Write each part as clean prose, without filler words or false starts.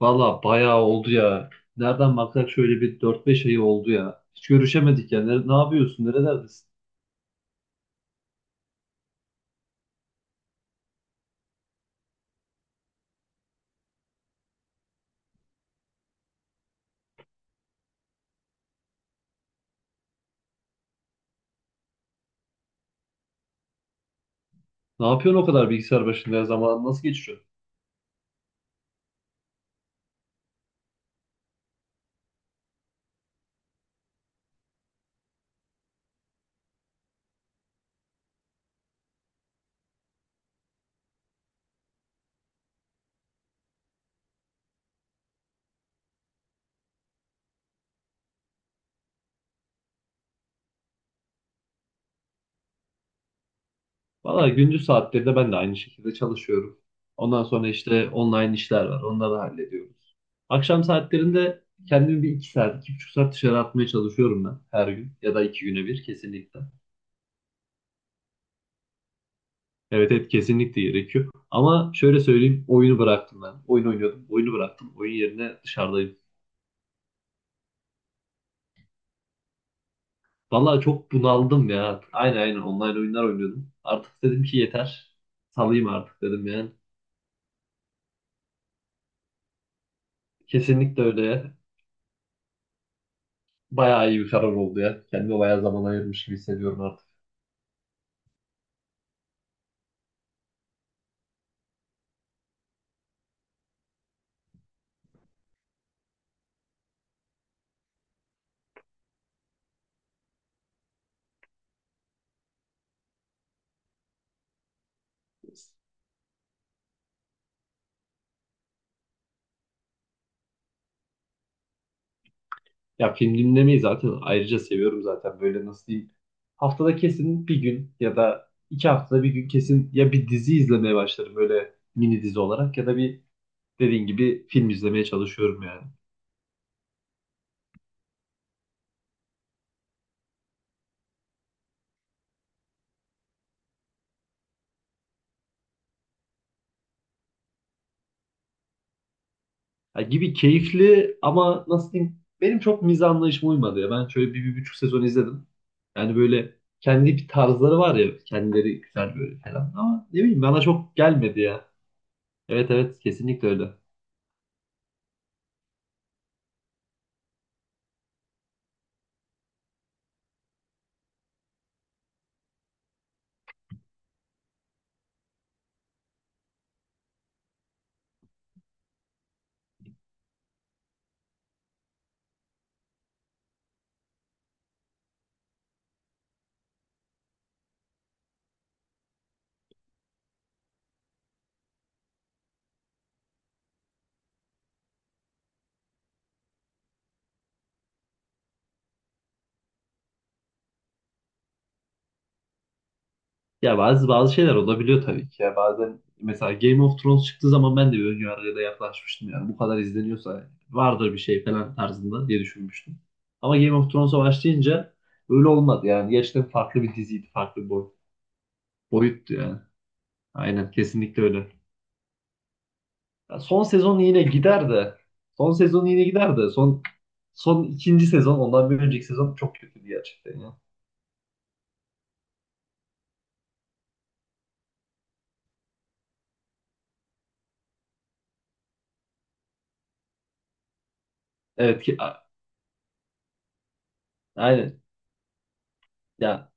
Valla bayağı oldu ya. Nereden baksak şöyle bir dört beş ayı oldu ya. Hiç görüşemedik ya. Ne yapıyorsun? Nerelerdesin? Ne yapıyorsun o kadar bilgisayar başında ya? Zaman nasıl geçiyor? Valla gündüz saatlerinde ben de aynı şekilde çalışıyorum. Ondan sonra işte online işler var. Onları hallediyoruz. Akşam saatlerinde kendimi bir 2 saat, iki buçuk saat dışarı atmaya çalışıyorum ben her gün. Ya da 2 güne bir kesinlikle. Evet evet, kesinlikle gerekiyor. Ama şöyle söyleyeyim, oyunu bıraktım ben. Oyun oynuyordum. Oyunu bıraktım. Oyun yerine dışarıdayım. Vallahi çok bunaldım ya. Aynen aynen, online oyunlar oynuyordum. Artık dedim ki yeter. Salayım artık dedim yani. Kesinlikle öyle. Bayağı iyi bir karar oldu ya. Kendime bayağı zaman ayırmış gibi hissediyorum artık. Ya film dinlemeyi zaten ayrıca seviyorum zaten. Böyle nasıl diyeyim. Haftada kesin bir gün ya da iki haftada bir gün kesin ya, bir dizi izlemeye başlarım böyle mini dizi olarak ya da bir dediğin gibi film izlemeye çalışıyorum yani. Ya gibi keyifli ama nasıl diyeyim, benim çok mizah anlayışıma uymadı ya. Ben şöyle bir, bir buçuk sezon izledim. Yani böyle kendi bir tarzları var ya, kendileri güzel böyle falan ama ne bileyim bana çok gelmedi ya. Evet evet, kesinlikle öyle. Ya bazı bazı şeyler olabiliyor tabii ki ya, bazen mesela Game of Thrones çıktığı zaman ben de bir önyargıyla da yaklaşmıştım yani bu kadar izleniyorsa vardır bir şey falan tarzında diye düşünmüştüm. Ama Game of Thrones'a başlayınca öyle olmadı yani, gerçekten farklı bir diziydi, farklı bir boyuttu yani. Aynen, kesinlikle öyle. Ya son sezon yine gider de. Son sezon yine gider de. Son ikinci sezon, ondan bir önceki sezon çok kötüydü gerçekten ya. Evet ki a- aynen. Ya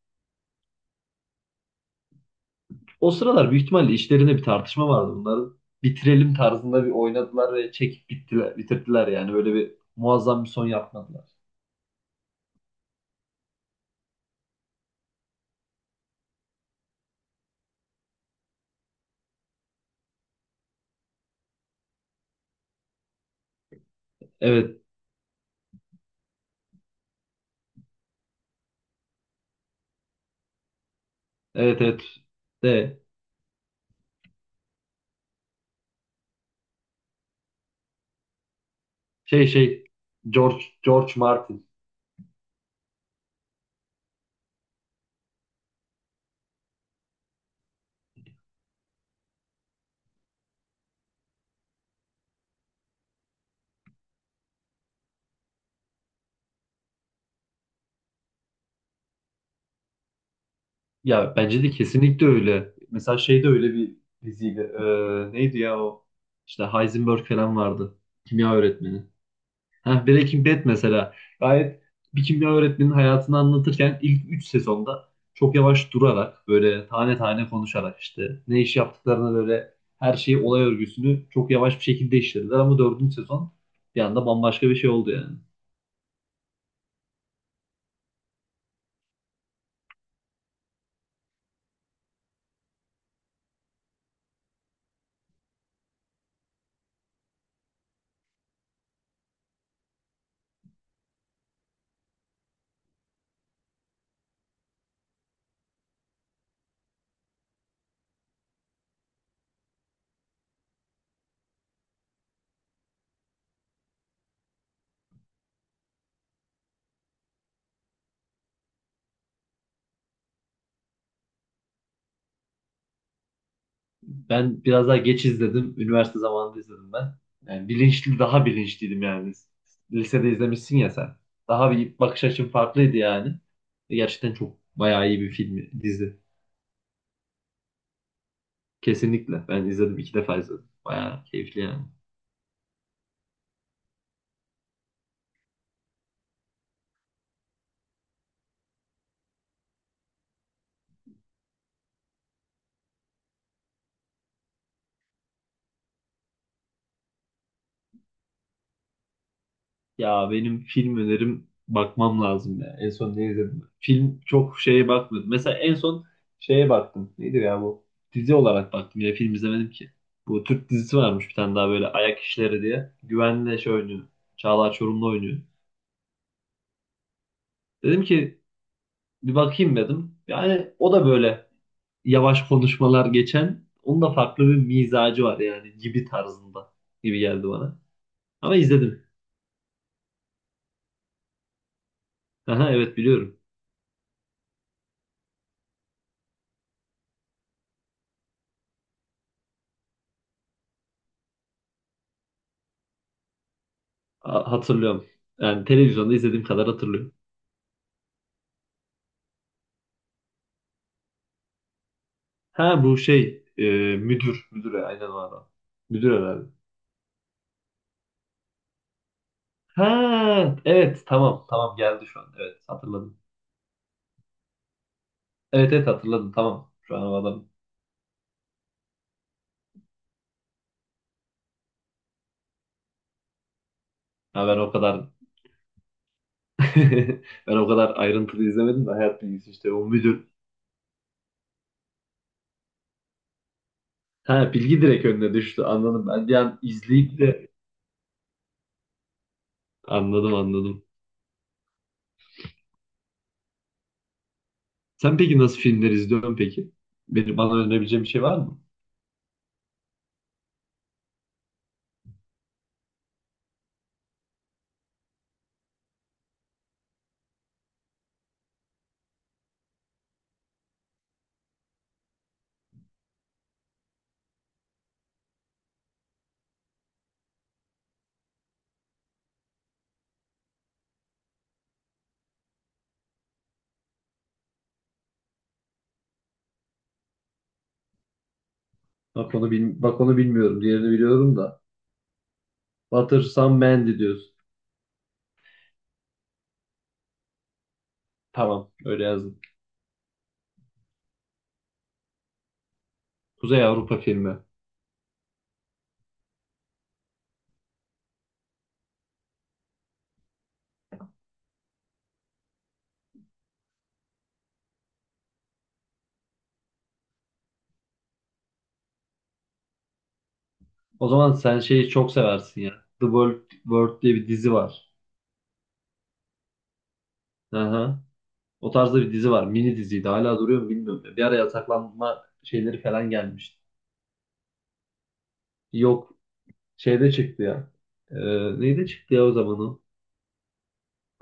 o sıralar büyük ihtimalle işlerinde bir tartışma vardı. Bunların bitirelim tarzında bir oynadılar ve çekip bittiler, bitirdiler yani. Böyle bir muazzam bir son yapmadılar. Evet, evet, evet. De şey şey George Martin. Ya bence de kesinlikle öyle. Mesela şey de öyle bir diziydi. Neydi ya o? İşte Heisenberg falan vardı. Kimya öğretmeni. Breaking Bad mesela. Gayet bir kimya öğretmeninin hayatını anlatırken ilk 3 sezonda çok yavaş durarak böyle tane tane konuşarak işte ne iş yaptıklarını böyle her şeyi, olay örgüsünü çok yavaş bir şekilde işlediler, ama dördüncü sezon bir anda bambaşka bir şey oldu yani. Ben biraz daha geç izledim. Üniversite zamanında izledim ben. Yani bilinçli, daha bilinçliydim yani. Lisede izlemişsin ya sen. Daha bir bakış açım farklıydı yani. Gerçekten çok bayağı iyi bir film, dizi. Kesinlikle. Ben izledim, iki defa izledim. Bayağı keyifli yani. Ya benim film önerim, bakmam lazım ya. En son ne izledim? Film çok şeye bakmadım. Mesela en son şeye baktım. Neydi ya bu? Dizi olarak baktım. Ya film izlemedim ki. Bu Türk dizisi varmış bir tane daha, böyle Ayak İşleri diye. Güvenle şey oynuyor. Çağlar Çorumlu oynuyor. Dedim ki bir bakayım dedim. Yani o da böyle yavaş konuşmalar geçen. Onun da farklı bir mizacı var yani, gibi tarzında gibi geldi bana. Ama izledim. Aha, evet biliyorum. Hatırlıyorum. Yani televizyonda izlediğim kadar hatırlıyorum. Ha bu şey müdür. Müdüre aynen o adam. Müdür herhalde. Ha evet, tamam, geldi şu an. Evet, hatırladım. Evet evet, hatırladım, tamam. Şu an o adam. Ha, ben o kadar ben o kadar ayrıntılı izlemedim de, hayat bilgisi işte o müdür. Ha, bilgi direkt önüne düştü, anladım. Ben bir an izleyip de anladım. Sen peki nasıl filmler izliyorsun peki? Bana önerebileceğin bir şey var mı? Bak onu bilmiyorum. Diğerini biliyorum da. Butter Some Mandy diyorsun. Tamam, öyle yazdım. Kuzey Avrupa filmi. O zaman sen şeyi çok seversin ya. World diye bir dizi var. Aha. O tarzda bir dizi var. Mini diziydi. Hala duruyor mu bilmiyorum ya. Bir ara yasaklanma şeyleri falan gelmişti. Yok. Şeyde çıktı ya. Neyde çıktı ya o zaman o?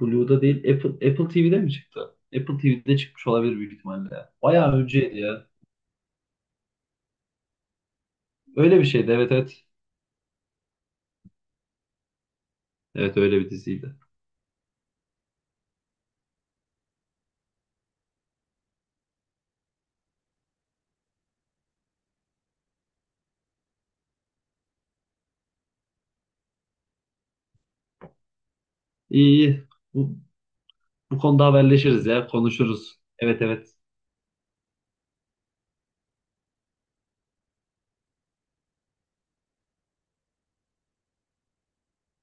Blue'da değil. Apple TV'de mi çıktı? Apple TV'de çıkmış olabilir büyük ihtimalle ya. Bayağı önceydi ya. Öyle bir şeydi. Evet evet. Evet, öyle bir diziydi. İyi iyi. Bu, bu konuda haberleşiriz ya. Konuşuruz. Evet evet.